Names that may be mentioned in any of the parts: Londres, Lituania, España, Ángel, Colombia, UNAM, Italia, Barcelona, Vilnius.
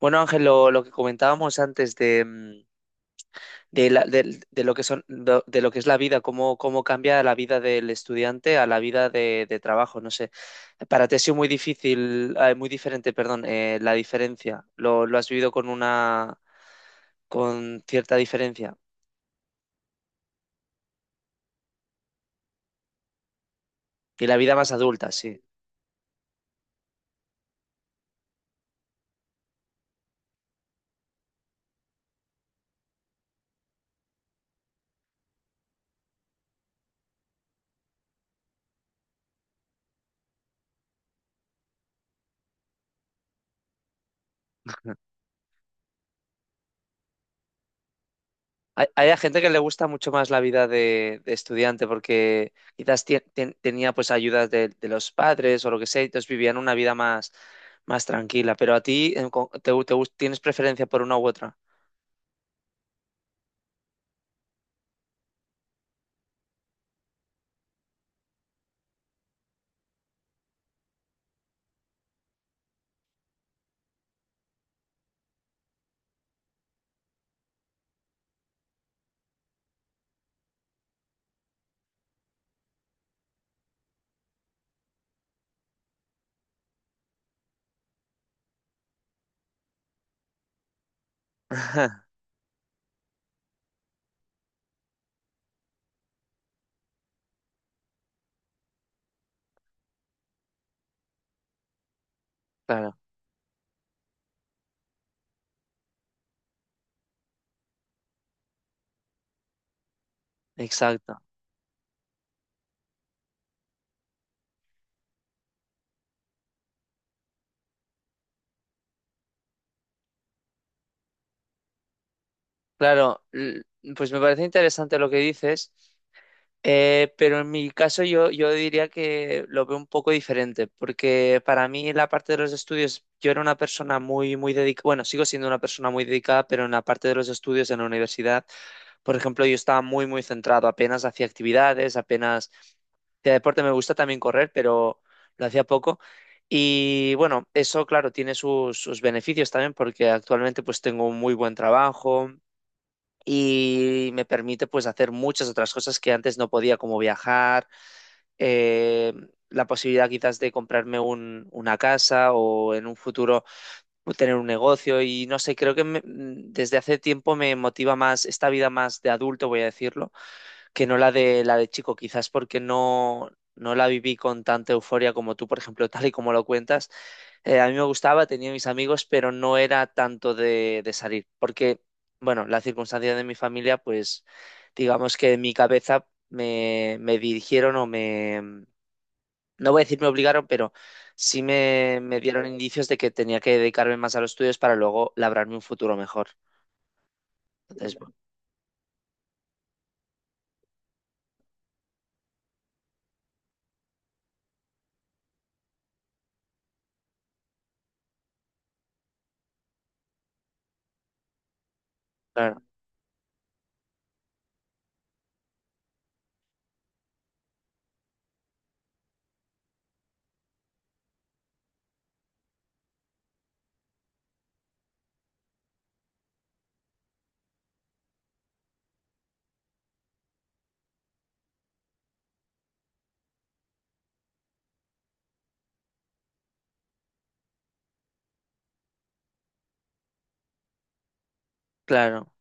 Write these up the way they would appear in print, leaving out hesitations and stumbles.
Bueno, Ángel, lo que comentábamos antes de, mm, de, la- del- de lo que son, lo que es la vida, cómo cambia la vida del estudiante a la vida de trabajo, no sé. Para ti ha sido muy difícil, muy diferente, perdón, la diferencia. Lo has vivido con con cierta diferencia. Y la vida más adulta, sí. Hay a gente que le gusta mucho más la vida de estudiante porque quizás tenía pues ayudas de los padres o lo que sea, y entonces vivían una vida más tranquila. Pero a ti en co- te, gu- te gus- tienes preferencia por una u otra. Claro, exacto. Claro, pues me parece interesante lo que dices. Pero en mi caso yo diría que lo veo un poco diferente, porque para mí la parte de los estudios, yo era una persona muy, muy dedicada, bueno, sigo siendo una persona muy dedicada, pero en la parte de los estudios en la universidad, por ejemplo, yo estaba muy, muy centrado, apenas hacía actividades, apenas de deporte me gusta también correr, pero lo hacía poco. Y bueno, eso, claro, tiene sus beneficios también, porque actualmente pues tengo un muy buen trabajo y me permite pues hacer muchas otras cosas que antes no podía, como viajar, eh, la posibilidad quizás de comprarme una casa o en un futuro pues, tener un negocio y no sé, creo que desde hace tiempo me motiva más esta vida más de adulto, voy a decirlo, que no la de chico, quizás porque no la viví con tanta euforia como tú, por ejemplo. Tal y como lo cuentas, a mí me gustaba, tenía mis amigos, pero no era tanto de salir, porque, bueno, la circunstancia de mi familia, pues, digamos que en mi cabeza me dirigieron o me, no voy a decir me obligaron, pero sí me dieron indicios de que tenía que dedicarme más a los estudios para luego labrarme un futuro mejor. Entonces, bueno, claro, claro,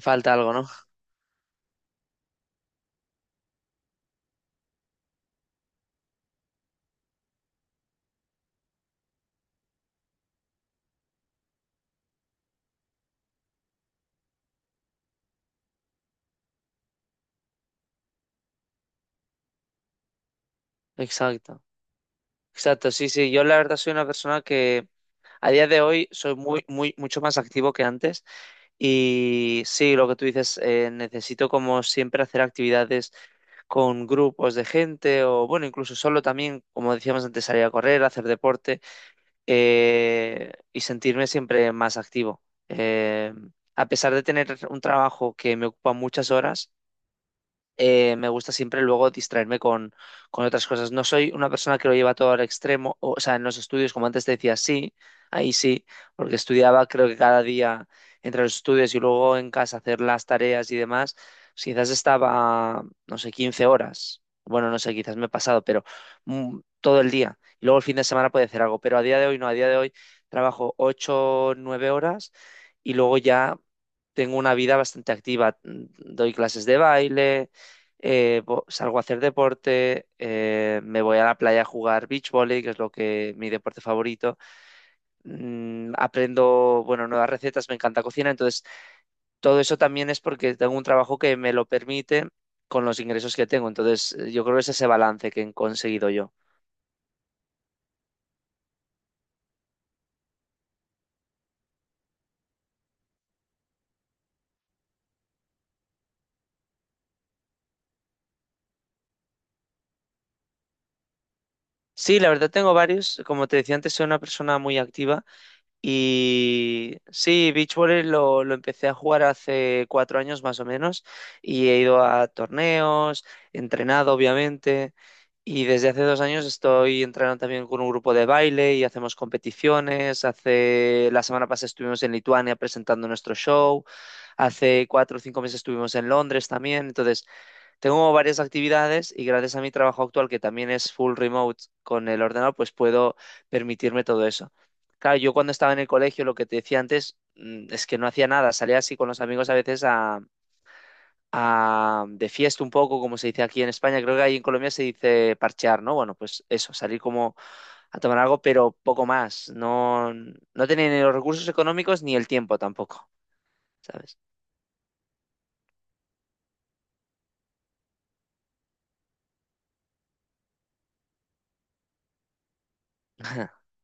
falta algo, ¿no? Exacto, exacto, sí, sí, yo la verdad soy una persona que... A día de hoy soy muy, muy, mucho más activo que antes. Y sí, lo que tú dices, necesito como siempre hacer actividades con grupos de gente o bueno, incluso solo también, como decíamos antes, salir a correr, hacer deporte, y sentirme siempre más activo. Eh, a pesar de tener un trabajo que me ocupa muchas horas, me gusta siempre luego distraerme con otras cosas. No soy una persona que lo lleva todo al extremo, o sea, en los estudios, como antes te decía, sí, ahí sí, porque estudiaba creo que cada día entre los estudios y luego en casa hacer las tareas y demás, pues quizás estaba, no sé, 15 horas. Bueno, no sé, quizás me he pasado, pero todo el día. Y luego el fin de semana puede hacer algo, pero a día de hoy no, a día de hoy trabajo 8-9 horas y luego ya tengo una vida bastante activa. Doy clases de baile, salgo a hacer deporte, me voy a la playa a jugar beach volley, que es lo que mi deporte favorito. Aprendo, bueno, nuevas recetas, me encanta cocinar, entonces todo eso también es porque tengo un trabajo que me lo permite con los ingresos que tengo. Entonces, yo creo que es ese balance que he conseguido yo. Sí, la verdad tengo varios. Como te decía antes, soy una persona muy activa. Y sí, beach volley lo empecé a jugar hace 4 años más o menos y he ido a torneos, he entrenado obviamente y desde hace 2 años estoy entrenando también con un grupo de baile y hacemos competiciones. Hace la semana pasada estuvimos en Lituania presentando nuestro show, hace 4 o 5 meses estuvimos en Londres también. Entonces tengo varias actividades y gracias a mi trabajo actual, que también es full remote con el ordenador, pues puedo permitirme todo eso. Claro, yo cuando estaba en el colegio, lo que te decía antes, es que no hacía nada. Salía así con los amigos a veces de fiesta un poco, como se dice aquí en España. Creo que ahí en Colombia se dice parchear, ¿no? Bueno, pues eso, salir como a tomar algo, pero poco más. No, no tenía ni los recursos económicos ni el tiempo tampoco, ¿sabes?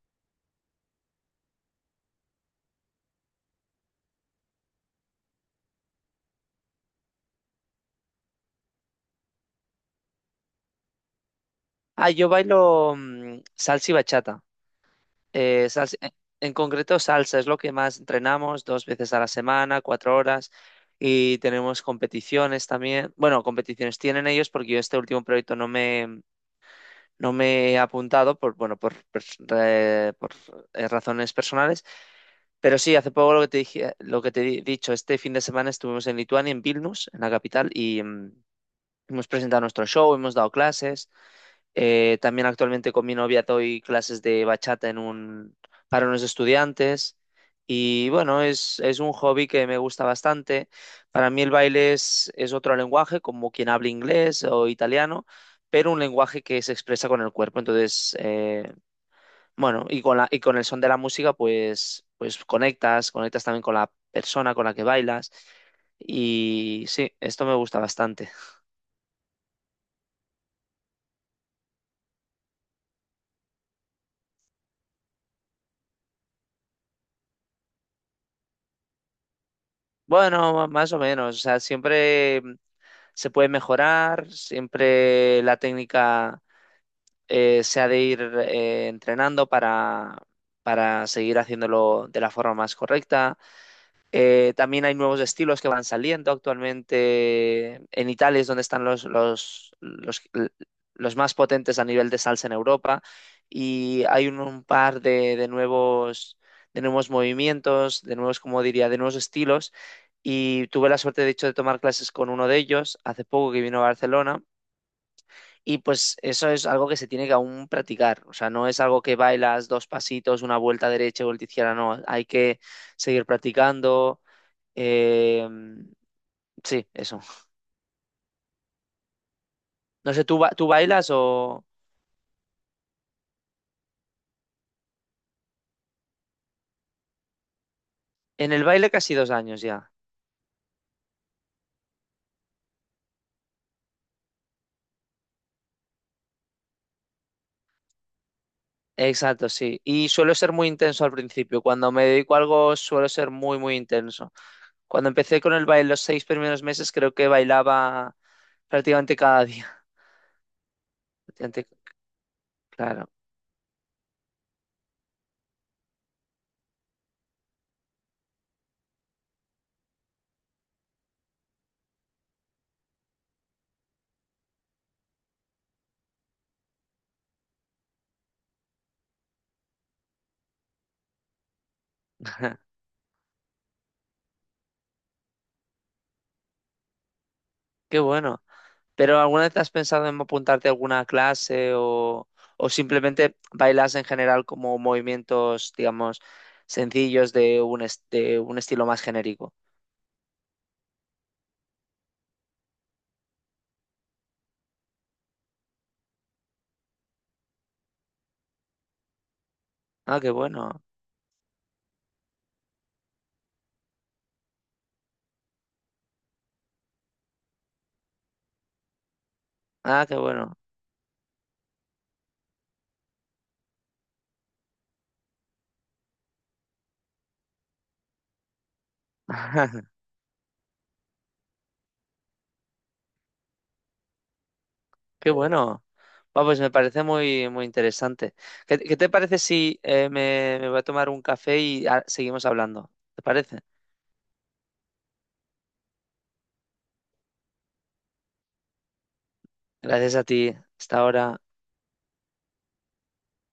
Ah, yo bailo, salsa y bachata. Eh, salsa- en en concreto, salsa es lo que más entrenamos 2 veces a la semana, 4 horas, y tenemos competiciones también. Bueno, competiciones tienen ellos porque yo este último proyecto no me he apuntado por, bueno, por, pers- re- por, razones personales, pero sí, hace poco lo que te dije, lo que te he dicho, este fin de semana estuvimos en Lituania, en Vilnius, en la capital, y hemos presentado nuestro show, hemos dado clases. También actualmente con mi novia doy clases de bachata para unos estudiantes. Y bueno, es un hobby que me gusta bastante. Para mí el baile es otro lenguaje, como quien habla inglés o italiano, pero un lenguaje que se expresa con el cuerpo. Entonces, bueno, y con el son de la música, pues conectas, conectas también con la persona con la que bailas. Y sí, esto me gusta bastante. Bueno, más o menos, o sea, siempre se puede mejorar, siempre la técnica, se ha de ir, entrenando para seguir haciéndolo de la forma más correcta. También hay nuevos estilos que van saliendo actualmente. En Italia es donde están los más potentes a nivel de salsa en Europa. Y hay un par de nuevos, de nuevos, movimientos, como diría, de nuevos estilos. Y tuve la suerte, de hecho, de tomar clases con uno de ellos hace poco que vino a Barcelona. Y pues eso es algo que se tiene que aún practicar. O sea, no es algo que bailas dos pasitos, una vuelta derecha, vuelta izquierda, no. Hay que seguir practicando, eh, sí, eso. No sé, tú bailas o...? En el baile casi 2 años ya. Exacto, sí. Y suelo ser muy intenso al principio. Cuando me dedico a algo suelo ser muy, muy intenso. Cuando empecé con el baile los 6 primeros meses creo que bailaba prácticamente cada día. Prácticamente- Claro. Qué bueno. ¿Pero alguna vez has pensado en apuntarte a alguna clase o, simplemente bailas en general como movimientos, digamos, sencillos de un estilo más genérico? Ah, qué bueno. Ah, qué bueno. Qué bueno. Ah, pues me parece muy, muy interesante. ¿Qué te parece si me voy a tomar un café y seguimos hablando? ¿Te parece? Gracias a ti. Hasta ahora.